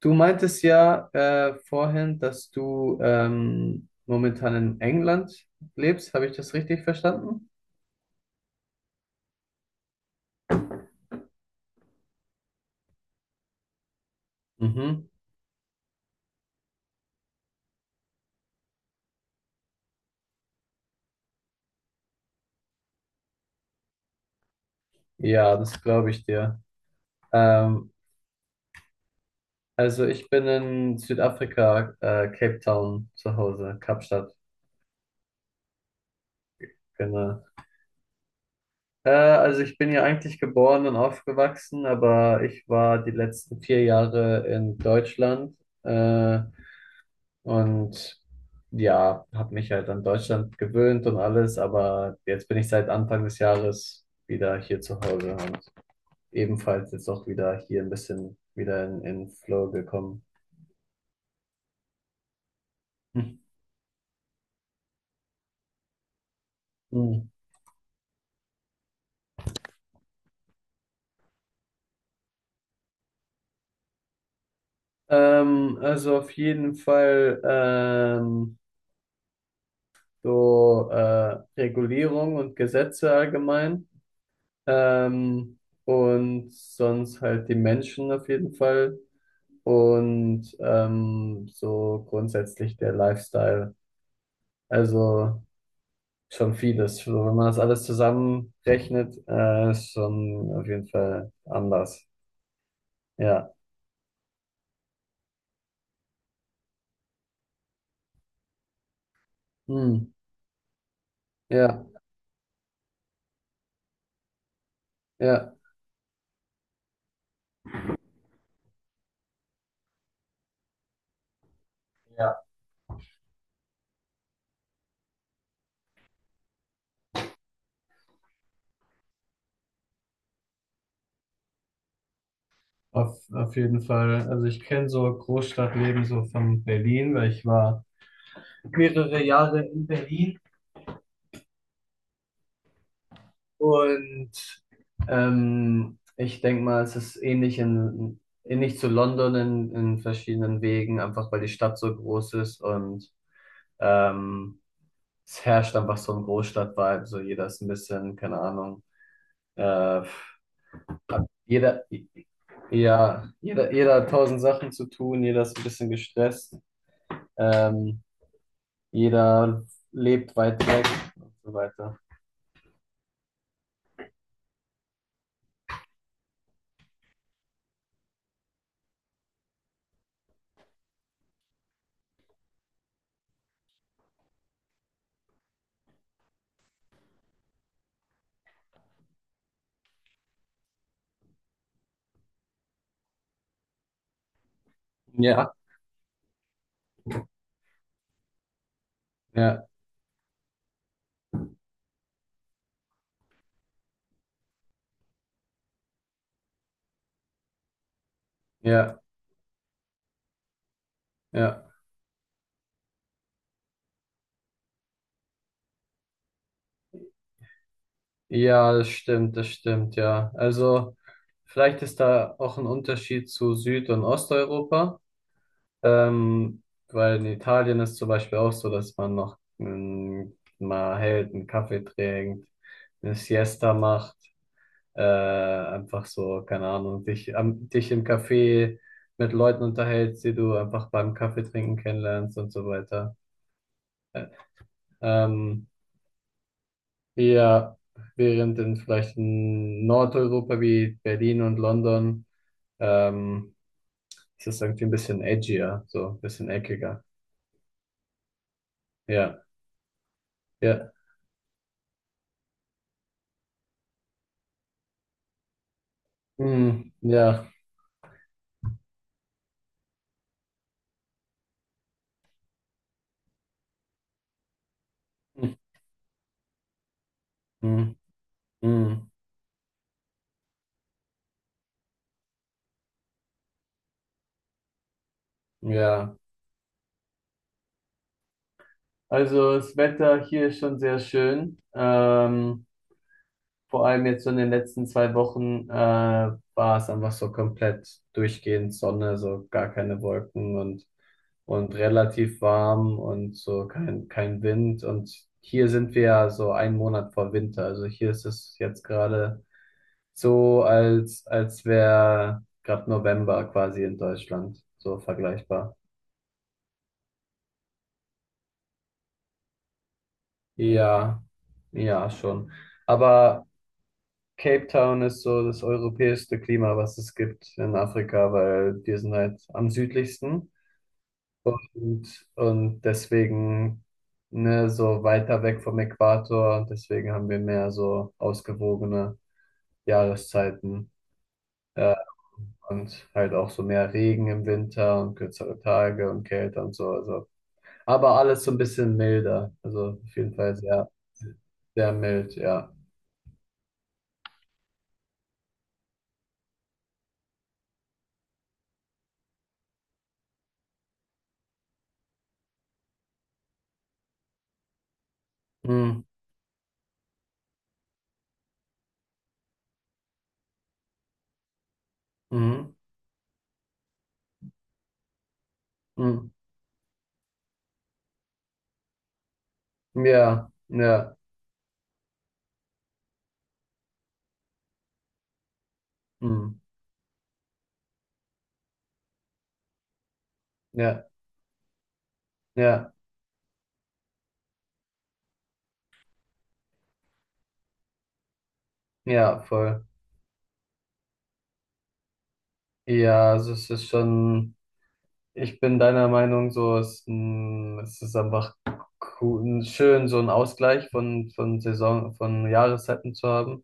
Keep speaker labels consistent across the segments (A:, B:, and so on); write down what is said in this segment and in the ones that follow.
A: Du meintest ja vorhin, dass du momentan in England lebst. Habe ich das richtig verstanden? Mhm. Ja, das glaube ich dir. Ähm, also ich bin in Südafrika, Cape Town zu Hause, Kapstadt, genau. Also ich bin ja eigentlich geboren und aufgewachsen, aber ich war die letzten vier Jahre in Deutschland. Äh, Und ja, habe mich halt an Deutschland gewöhnt und alles, aber jetzt bin ich seit Anfang des Jahres wieder hier zu Hause und ebenfalls jetzt auch wieder hier ein bisschen wieder in Flow gekommen. Hm. Hm. Also auf jeden Fall so Regulierung und Gesetze allgemein, ähm, und sonst halt die Menschen auf jeden Fall. Und so grundsätzlich der Lifestyle. Also schon vieles. So, wenn man das alles zusammenrechnet, ist schon auf jeden Fall anders. Ja. Hm. Ja, ja. Ja. Auf jeden Fall. Also ich kenne so Großstadtleben so von Berlin, weil ich war mehrere Jahre in Berlin. Und ich denke mal, es ist ähnlich zu London in verschiedenen Wegen, einfach weil die Stadt so groß ist und ähm, es herrscht einfach so ein Großstadt-Vibe. So jeder ist ein bisschen, keine Ahnung, äh, jeder, ja, jeder hat tausend Sachen zu tun, jeder ist ein bisschen gestresst, ähm, jeder lebt weit weg und so weiter. Ja, ja, ja, ja. Ja, das stimmt, ja. Also vielleicht ist da auch ein Unterschied zu Süd- und Osteuropa, ähm, weil in Italien ist zum Beispiel auch so, dass man noch mal hält, einen Kaffee trinkt, eine Siesta macht, einfach so, keine Ahnung, dich im Café mit Leuten unterhältst, die du einfach beim Kaffee trinken kennenlernst und so weiter. Äh, Ähm, Ja, während in vielleicht in Nordeuropa wie Berlin und London ähm, ist es irgendwie ein bisschen edgier, so ein bisschen eckiger. Ja, ja, mm, ja. Mm, mm, ja. Also das Wetter hier ist schon sehr schön. Vor allem jetzt so in den letzten zwei Wochen war es einfach so komplett durchgehend Sonne, so gar keine Wolken und relativ warm und so kein Wind. Und hier sind wir ja so einen Monat vor Winter. Also hier ist es jetzt gerade so, als wäre gerade November quasi in Deutschland, so vergleichbar. Ja, ja, schon. Aber Cape Town ist so das europäischste Klima, was es gibt in Afrika, weil wir sind halt am südlichsten und deswegen ne, so weiter weg vom Äquator und deswegen haben wir mehr so ausgewogene Jahreszeiten und halt auch so mehr Regen im Winter und kürzere Tage und Kälte und so. Also. Aber alles so ein bisschen milder, also auf jeden Fall sehr mild, ja. Mhm. Mhm. Mm. Ja, ja. Mhm. Ja, ja. Ja, voll. Ja, also es ist schon, ich bin deiner Meinung so, es, mm, es ist einfach cool, schön, so einen Ausgleich von Saison, von Jahreszeiten zu haben.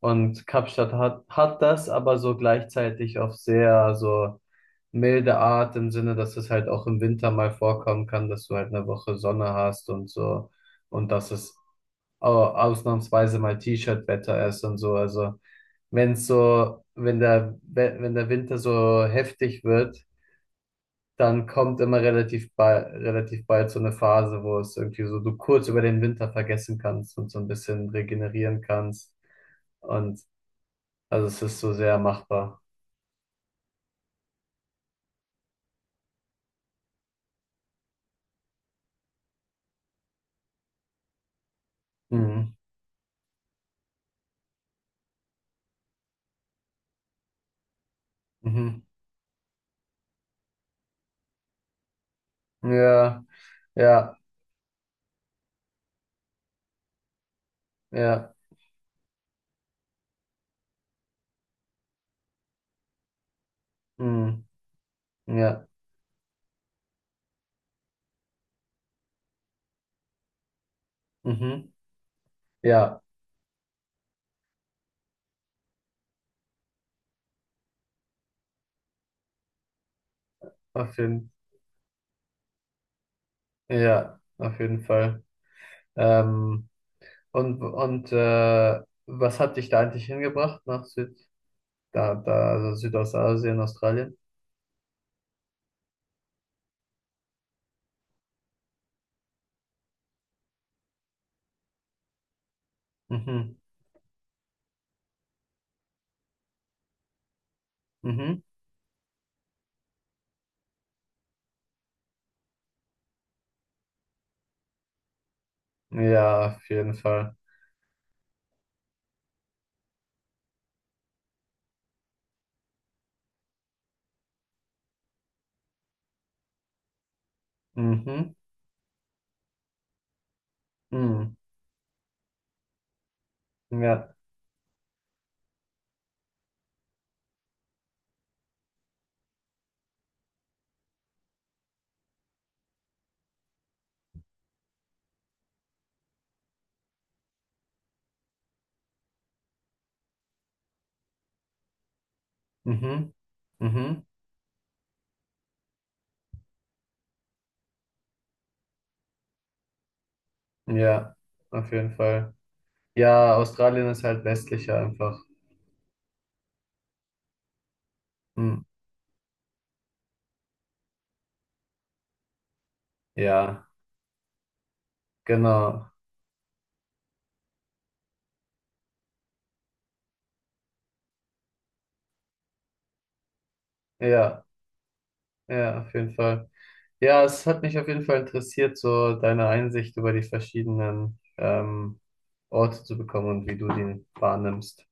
A: Und Kapstadt hat das, aber so gleichzeitig auf sehr so milde Art im Sinne, dass es halt auch im Winter mal vorkommen kann, dass du halt eine Woche Sonne hast und so. Und das ist ausnahmsweise mal T-Shirt-Wetter ist und so. Also wenn so, wenn der Winter so heftig wird, dann kommt immer relativ bald so eine Phase, wo es irgendwie so du kurz über den Winter vergessen kannst und so ein bisschen regenerieren kannst. Und also es ist so sehr machbar. Mhm. Mhm. Ja, ja, ja, mhm. Ja, mhm. Ja, auf jeden, ja, auf jeden Fall. Ähm, Und, und äh, was hat dich da eigentlich hingebracht nach also Südostasien, Australien? Mhm. Mhm. Ja, auf jeden Fall. Mhm. Mhm. Ja. Mhm. Mhm. Ja, auf jeden Fall. Ja, Australien ist halt westlicher einfach. Mhm. Ja, genau. Ja, ja, auf jeden Fall. Ja, es hat mich auf jeden Fall interessiert, so deine Einsicht über die verschiedenen Orte zu bekommen und wie du die wahrnimmst.